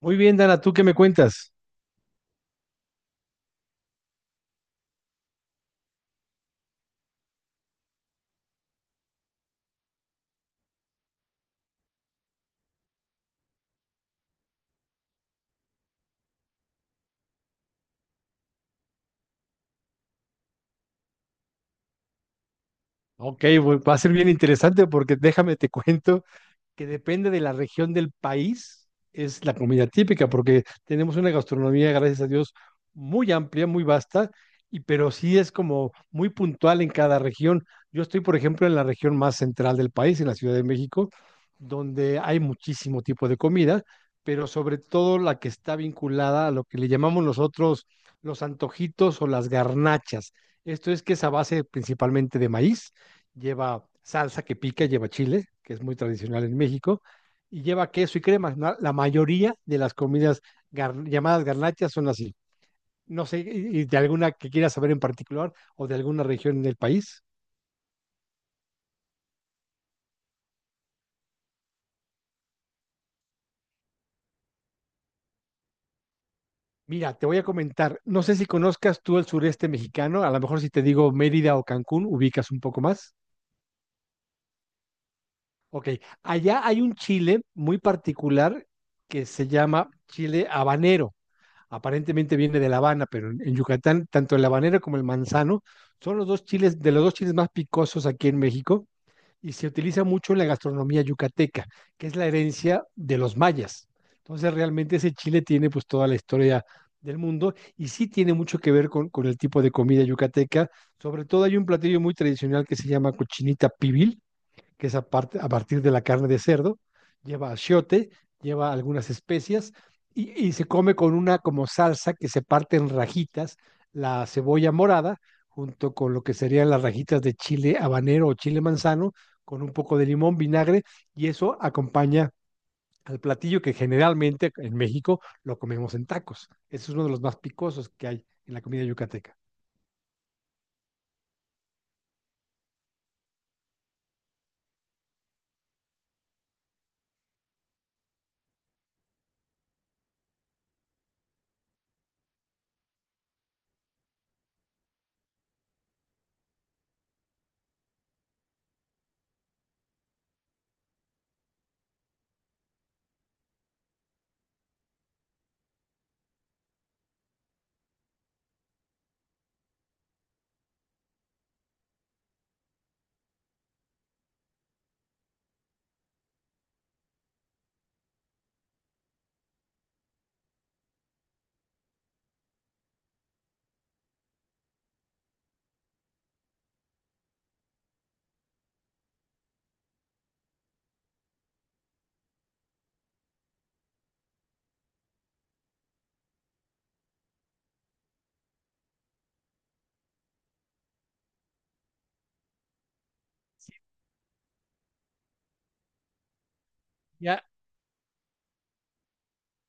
Muy bien, Dana, ¿tú qué me cuentas? Ok, va a ser bien interesante porque déjame te cuento que depende de la región del país, es la comida típica, porque tenemos una gastronomía, gracias a Dios, muy amplia, muy vasta, y pero sí es como muy puntual en cada región. Yo estoy, por ejemplo, en la región más central del país, en la Ciudad de México, donde hay muchísimo tipo de comida, pero sobre todo la que está vinculada a lo que le llamamos nosotros los antojitos o las garnachas. Esto es que es a base principalmente de maíz, lleva salsa que pica, lleva chile, que es muy tradicional en México, y lleva queso y crema. La mayoría de las comidas llamadas garnachas son así. No sé, y de alguna que quieras saber en particular o de alguna región del país. Mira, te voy a comentar, no sé si conozcas tú el sureste mexicano, a lo mejor si te digo Mérida o Cancún, ubicas un poco más. Ok, allá hay un chile muy particular que se llama chile habanero. Aparentemente viene de La Habana, pero en Yucatán, tanto el habanero como el manzano son los dos chiles, de los dos chiles más picosos aquí en México, y se utiliza mucho en la gastronomía yucateca, que es la herencia de los mayas. Entonces, realmente ese chile tiene pues toda la historia del mundo y sí tiene mucho que ver con el tipo de comida yucateca. Sobre todo hay un platillo muy tradicional que se llama cochinita pibil, que es a partir de la carne de cerdo, lleva achiote, lleva algunas especias y se come con una como salsa que se parte en rajitas, la cebolla morada, junto con lo que serían las rajitas de chile habanero o chile manzano, con un poco de limón, vinagre, y eso acompaña al platillo que generalmente en México lo comemos en tacos. Ese es uno de los más picosos que hay en la comida yucateca. Ya,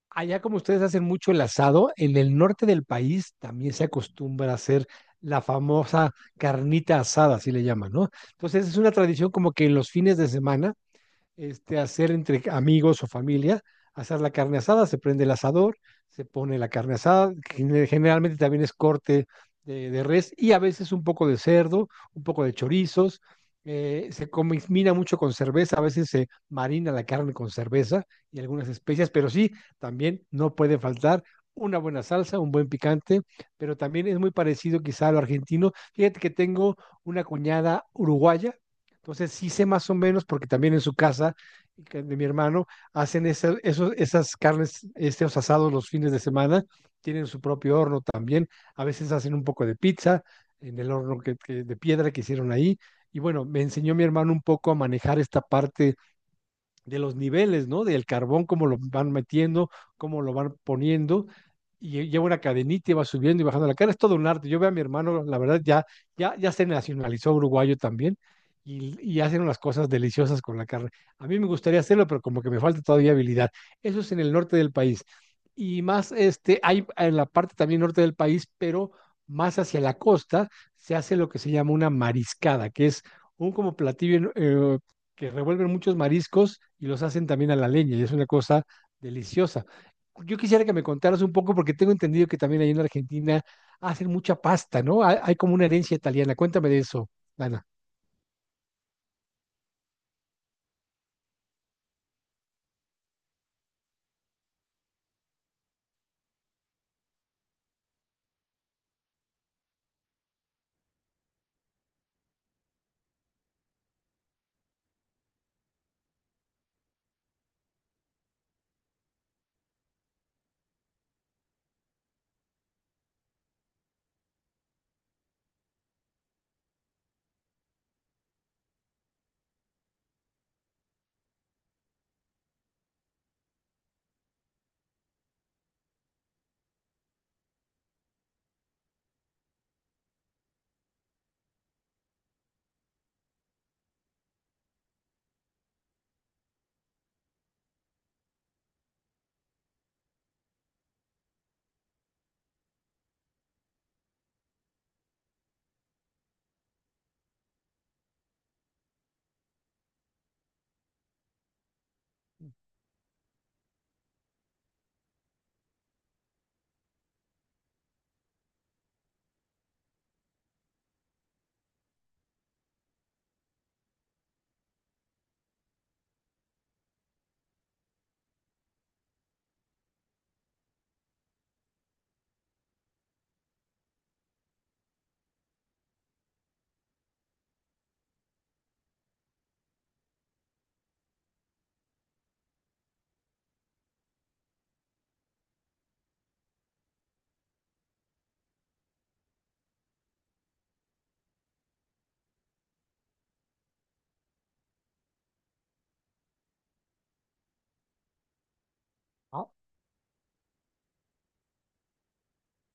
allá como ustedes hacen mucho el asado, en el norte del país también se acostumbra a hacer la famosa carnita asada, así le llaman, ¿no? Entonces es una tradición como que en los fines de semana, este, hacer entre amigos o familia, hacer la carne asada, se prende el asador, se pone la carne asada, que generalmente también es corte de res y a veces un poco de cerdo, un poco de chorizos. Se combina mucho con cerveza, a veces se marina la carne con cerveza y algunas especias, pero sí, también no puede faltar una buena salsa, un buen picante, pero también es muy parecido quizá a lo argentino. Fíjate que tengo una cuñada uruguaya, entonces sí sé más o menos porque también en su casa, que de mi hermano, hacen esas carnes, estos asados los fines de semana, tienen su propio horno también, a veces hacen un poco de pizza en el horno de piedra que hicieron ahí. Y bueno, me enseñó mi hermano un poco a manejar esta parte de los niveles, ¿no? Del carbón, cómo lo van metiendo, cómo lo van poniendo, y lleva una cadenita y va subiendo y bajando la cara. Es todo un arte. Yo veo a mi hermano, la verdad, ya, ya, ya se nacionalizó uruguayo también, y hacen unas cosas deliciosas con la carne. A mí me gustaría hacerlo, pero como que me falta todavía habilidad. Eso es en el norte del país. Y más, este, hay en la parte también norte del país, pero más hacia la costa, se hace lo que se llama una mariscada, que es un como platillo que revuelven muchos mariscos y los hacen también a la leña, y es una cosa deliciosa. Yo quisiera que me contaras un poco, porque tengo entendido que también ahí en Argentina hacen mucha pasta, ¿no? Hay como una herencia italiana. Cuéntame de eso, Ana.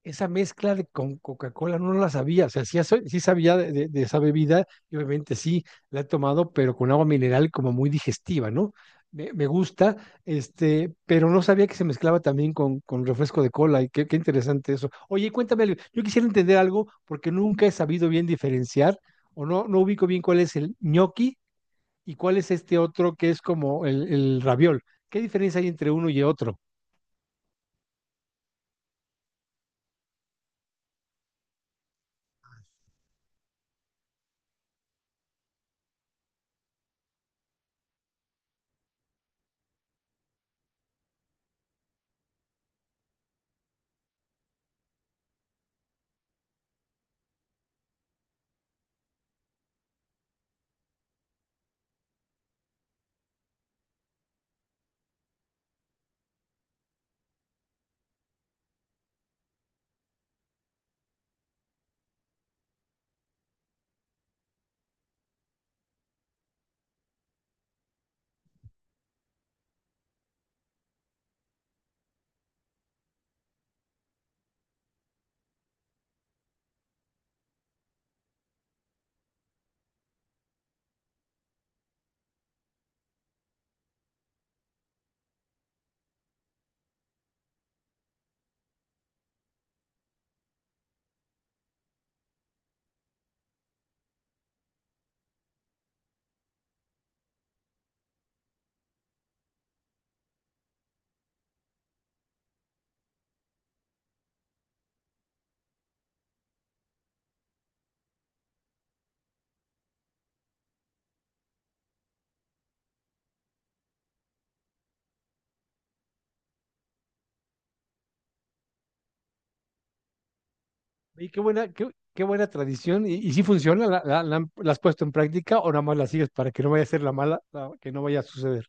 Esa mezcla de con Coca-Cola no la sabía, o sea, sí, sí sabía de, de esa bebida, y obviamente sí la he tomado, pero con agua mineral, como muy digestiva, ¿no? Me gusta, este, pero no sabía que se mezclaba también con refresco de cola. Y qué interesante eso. Oye, cuéntame algo, yo quisiera entender algo porque nunca he sabido bien diferenciar, o no, no ubico bien cuál es el ñoqui y cuál es este otro que es como el raviol. ¿Qué diferencia hay entre uno y otro? Oye, qué buena, qué buena tradición. Y si funciona? ¿La has puesto en práctica o nada más la sigues para que no vaya a ser la mala, que no vaya a suceder?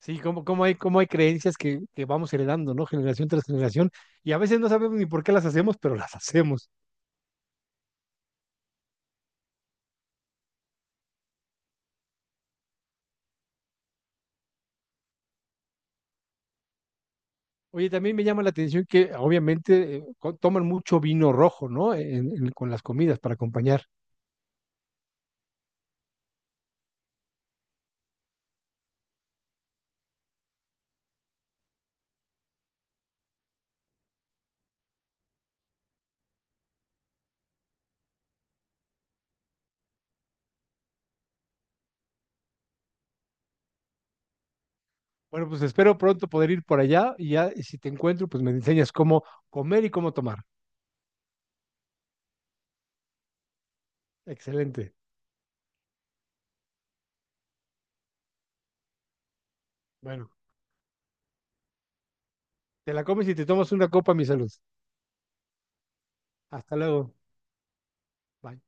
Sí, como hay creencias que vamos heredando, ¿no? Generación tras generación. Y a veces no sabemos ni por qué las hacemos, pero las hacemos. Oye, también me llama la atención que obviamente toman mucho vino rojo, ¿no? Con las comidas para acompañar. Bueno, pues espero pronto poder ir por allá, y ya, y si te encuentro, pues me enseñas cómo comer y cómo tomar. Excelente. Bueno, te la comes y te tomas una copa, mi salud. Hasta luego. Bye.